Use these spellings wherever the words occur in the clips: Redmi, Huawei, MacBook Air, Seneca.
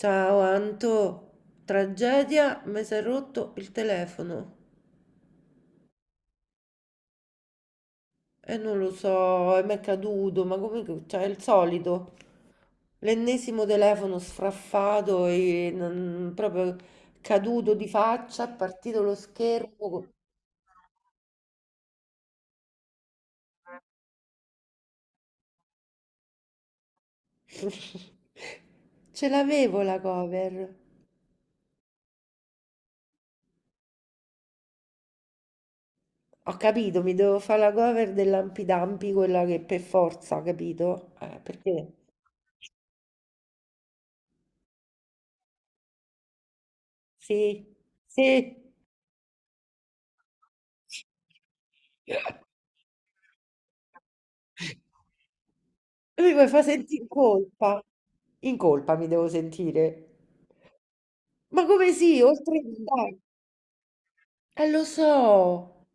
Ciao Anto, tragedia, mi si è rotto il telefono e non lo so, e mi è caduto, ma come, cioè, è il solito, l'ennesimo telefono sfraffato e proprio caduto di faccia, è partito lo schermo. Ce l'avevo la cover. Ho capito, mi devo fare la cover dell'Ampidampi, quella che per forza, capito? Perché? Sì, sì. Lui mi fa sentire in colpa. In colpa mi devo sentire. Ma come sì, oltre dai. Lo so,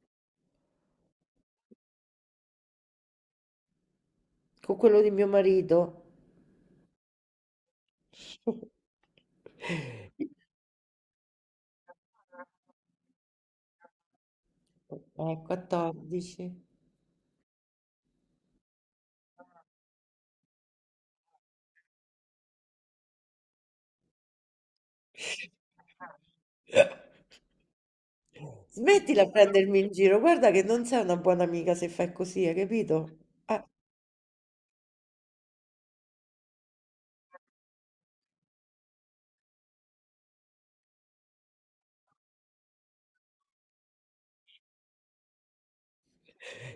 con quello di mio marito. 14. Smettila a prendermi in giro, guarda che non sei una buona amica se fai così, hai capito? Ah,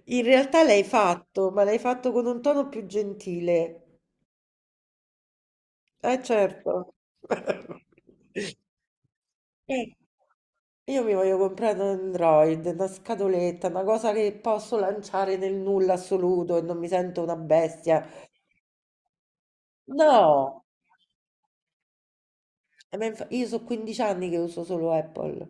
in realtà l'hai fatto, ma l'hai fatto con un tono più gentile. Eh certo. Eh. Io mi voglio comprare un Android, una scatoletta, una cosa che posso lanciare nel nulla assoluto e non mi sento una bestia. No, io so 15 anni che uso solo Apple.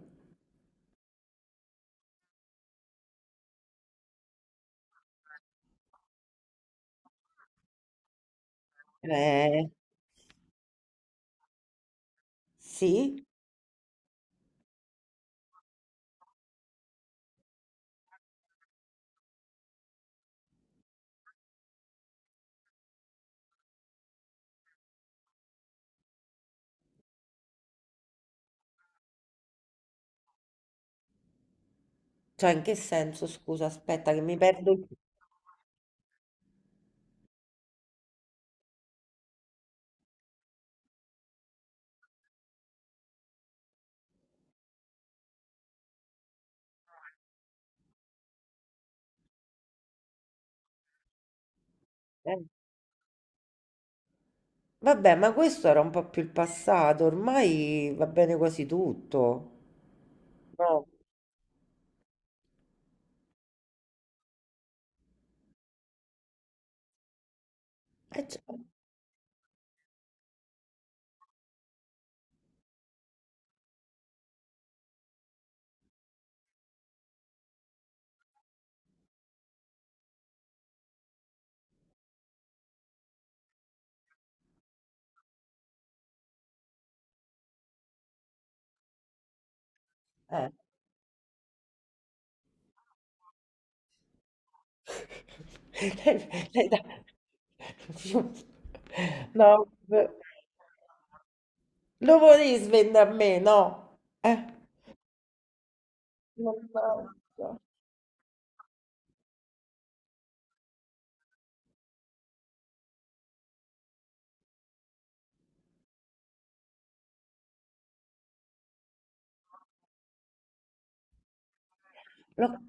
Eh, sì? Cioè, in che senso? Scusa, aspetta che mi perdo il... eh. Vabbè, ma questo era un po' più il passato, ormai va bene quasi tutto. No. Certo. Eh. Lei da No, v Lo volevi svendere a me, no? Eh, mannaggia. No,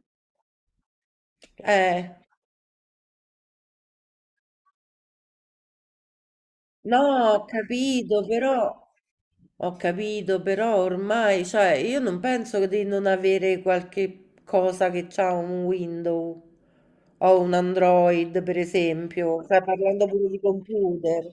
eh, no, ho capito, però ho capito, però ormai, cioè, io non penso di non avere qualche cosa che c'ha un Windows o un Android, per esempio. Stai parlando pure di computer.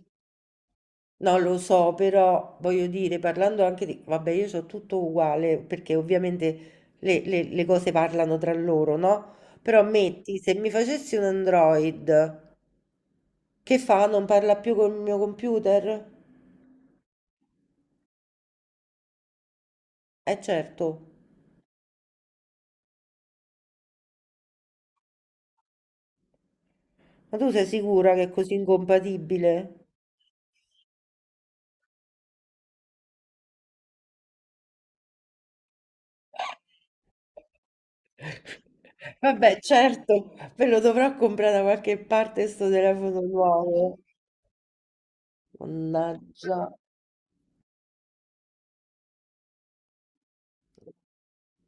No, lo so, però voglio dire, parlando anche di... Vabbè, io so tutto uguale, perché ovviamente le cose parlano tra loro, no? Però metti, se mi facessi un Android, che fa? Non parla più col mio computer? Eh certo, ma tu sei sicura che è così incompatibile? Vabbè, certo, ve lo dovrò comprare da qualche parte sto telefono nuovo. Mannaggia.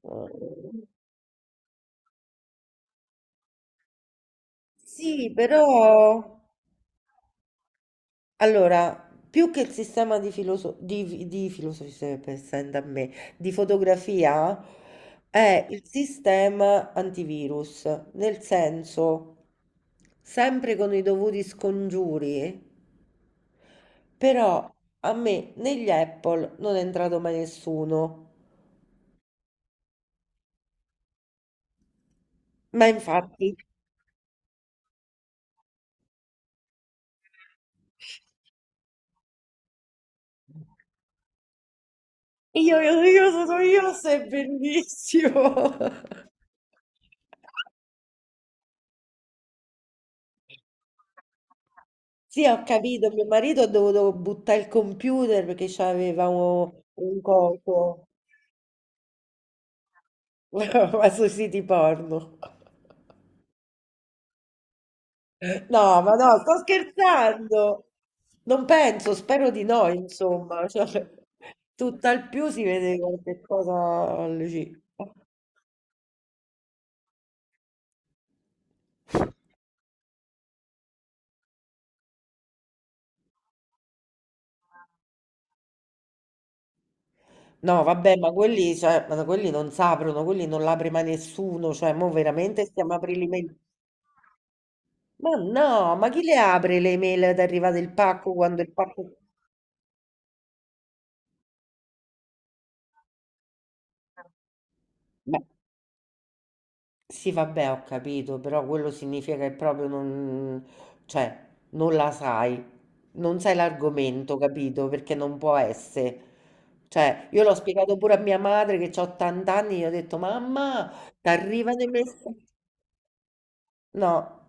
Eh, Sì, però... Allora, più che il sistema di, di filosofia, sempre stando a me, di fotografia, è il sistema antivirus, nel senso, sempre con i dovuti scongiuri, però a me negli Apple non è entrato mai nessuno. Ma infatti, io sono io, sei bellissimo. Sì, ho capito, mio marito ha dovuto buttare il computer perché c'aveva un coco, ma sui siti porno. Sto scherzando. Non penso, spero di no, insomma. Cioè, tutt'al più si vede qualche cosa lì. No, vabbè, ma quelli, cioè, ma no, quelli non s'aprono, quelli non l'apre mai nessuno, cioè, mo veramente stiamo aprendo le mail. Ma no, ma chi le apre le mail ad arrivare del pacco quando il pacco... Ma Sì, vabbè, ho capito, però quello significa che proprio non, cioè, non la sai, non sai l'argomento, capito? Perché non può essere. Cioè, io l'ho spiegato pure a mia madre che ha 80 anni, gli ho detto, mamma, ti arrivano i messaggi. No,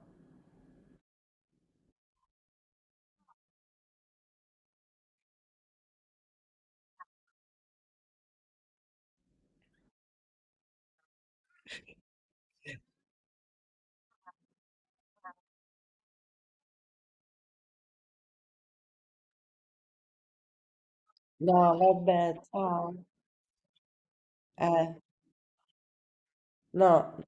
no, vabbè, ciao. Eh, no,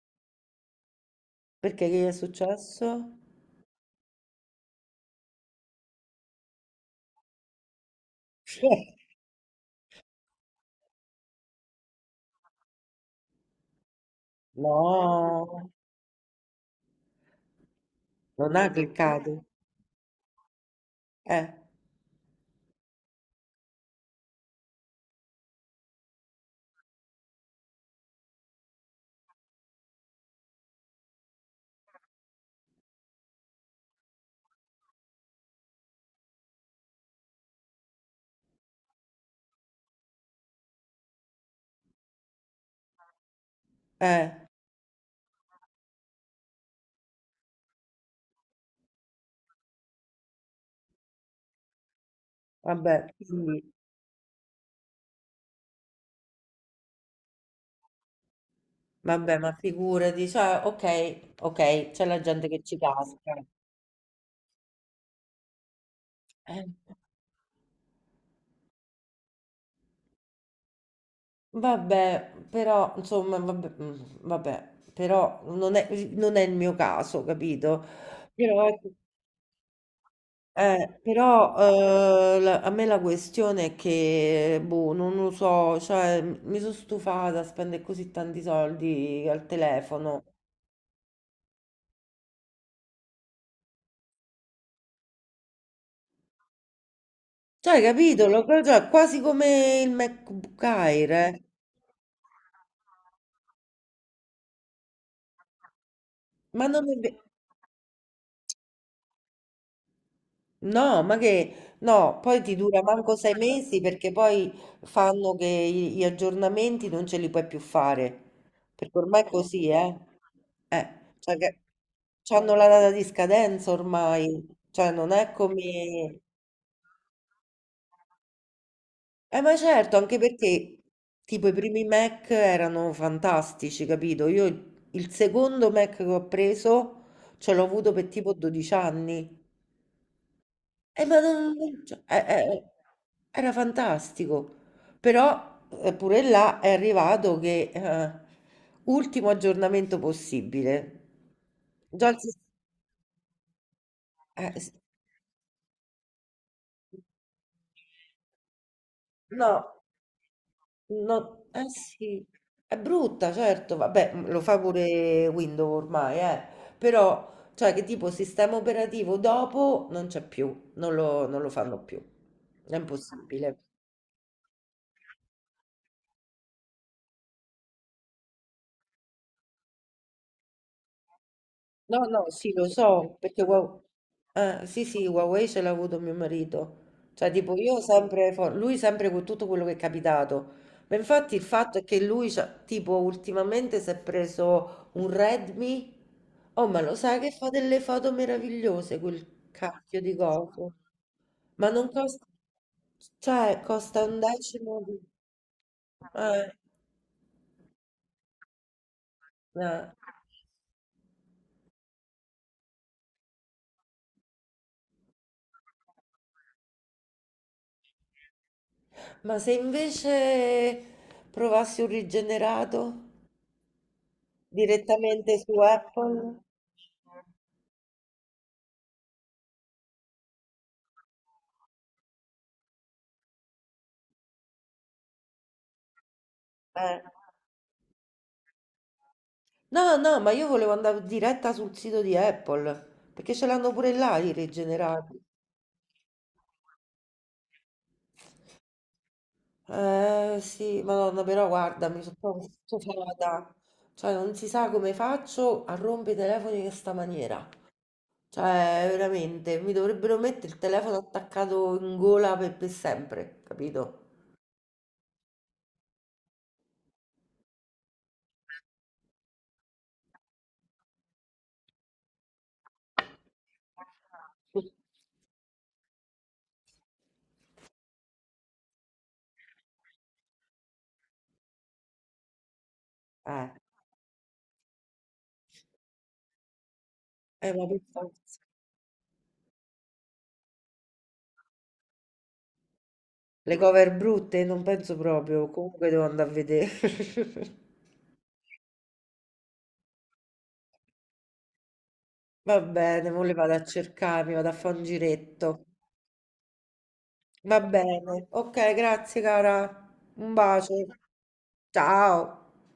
perché che gli è successo? No, non ha cliccato. Eh, eh, vabbè, quindi- Vabbè, ma figurati, cioè, ok, ok, c'è la gente che ci casca. Eh, vabbè, però, insomma, vabbè, mm, vabbè, però non è il mio caso, capito? Però, ecco, a me la questione è che, boh, non lo so, cioè, mi sono stufata a spendere così tanti soldi al telefono. Cioè, capito? Cioè, quasi come il MacBook Air, eh. Ma non è vero. No, ma che no, poi ti dura manco sei mesi perché poi fanno gli aggiornamenti non ce li puoi più fare. Perché ormai è così, eh? Cioè che c'hanno la data di scadenza ormai, cioè non è come... ma certo, anche perché tipo i primi Mac erano fantastici, capito? Io il secondo Mac che ho preso ce l'ho avuto per tipo 12 anni. Ma non non cioè, e era fantastico. Però, pure là è arrivato che, ultimo aggiornamento possibile. Già il sis s no. No eh sì, è brutta certo, vabbè, mhmm, lo fa pure Windows ormai, però cioè che tipo sistema operativo dopo non c'è più, non lo fanno più. È impossibile. No, no, sì, lo so, perché sì, sì, Huawei ce l'ha avuto mio marito. Cioè, tipo, lui sempre con tutto quello che è capitato. Ma infatti il fatto è che lui, tipo, ultimamente si è preso un Redmi. Oh, ma lo sai che fa delle foto meravigliose quel cacchio di coso? Ma non costa, cioè, costa un decimo di... eh, eh. Ma se invece provassi un rigenerato? Direttamente su Apple? Eh. No, no, ma io volevo andare diretta sul sito di Apple, perché ce l'hanno pure là i rigenerati. Eh sì, madonna, però guarda, mi sono proprio stufata. Cioè, non si sa come faccio a rompere i telefoni in questa maniera. Cioè, veramente, mi dovrebbero mettere il telefono attaccato in gola per sempre, capito? Eh, ma per forza. Le cover brutte? Non penso proprio, comunque devo andare a vedere. Va bene, mo le vado a cercare, mi vado a fare un giretto. Va bene, ok, grazie cara, un bacio. Ciao.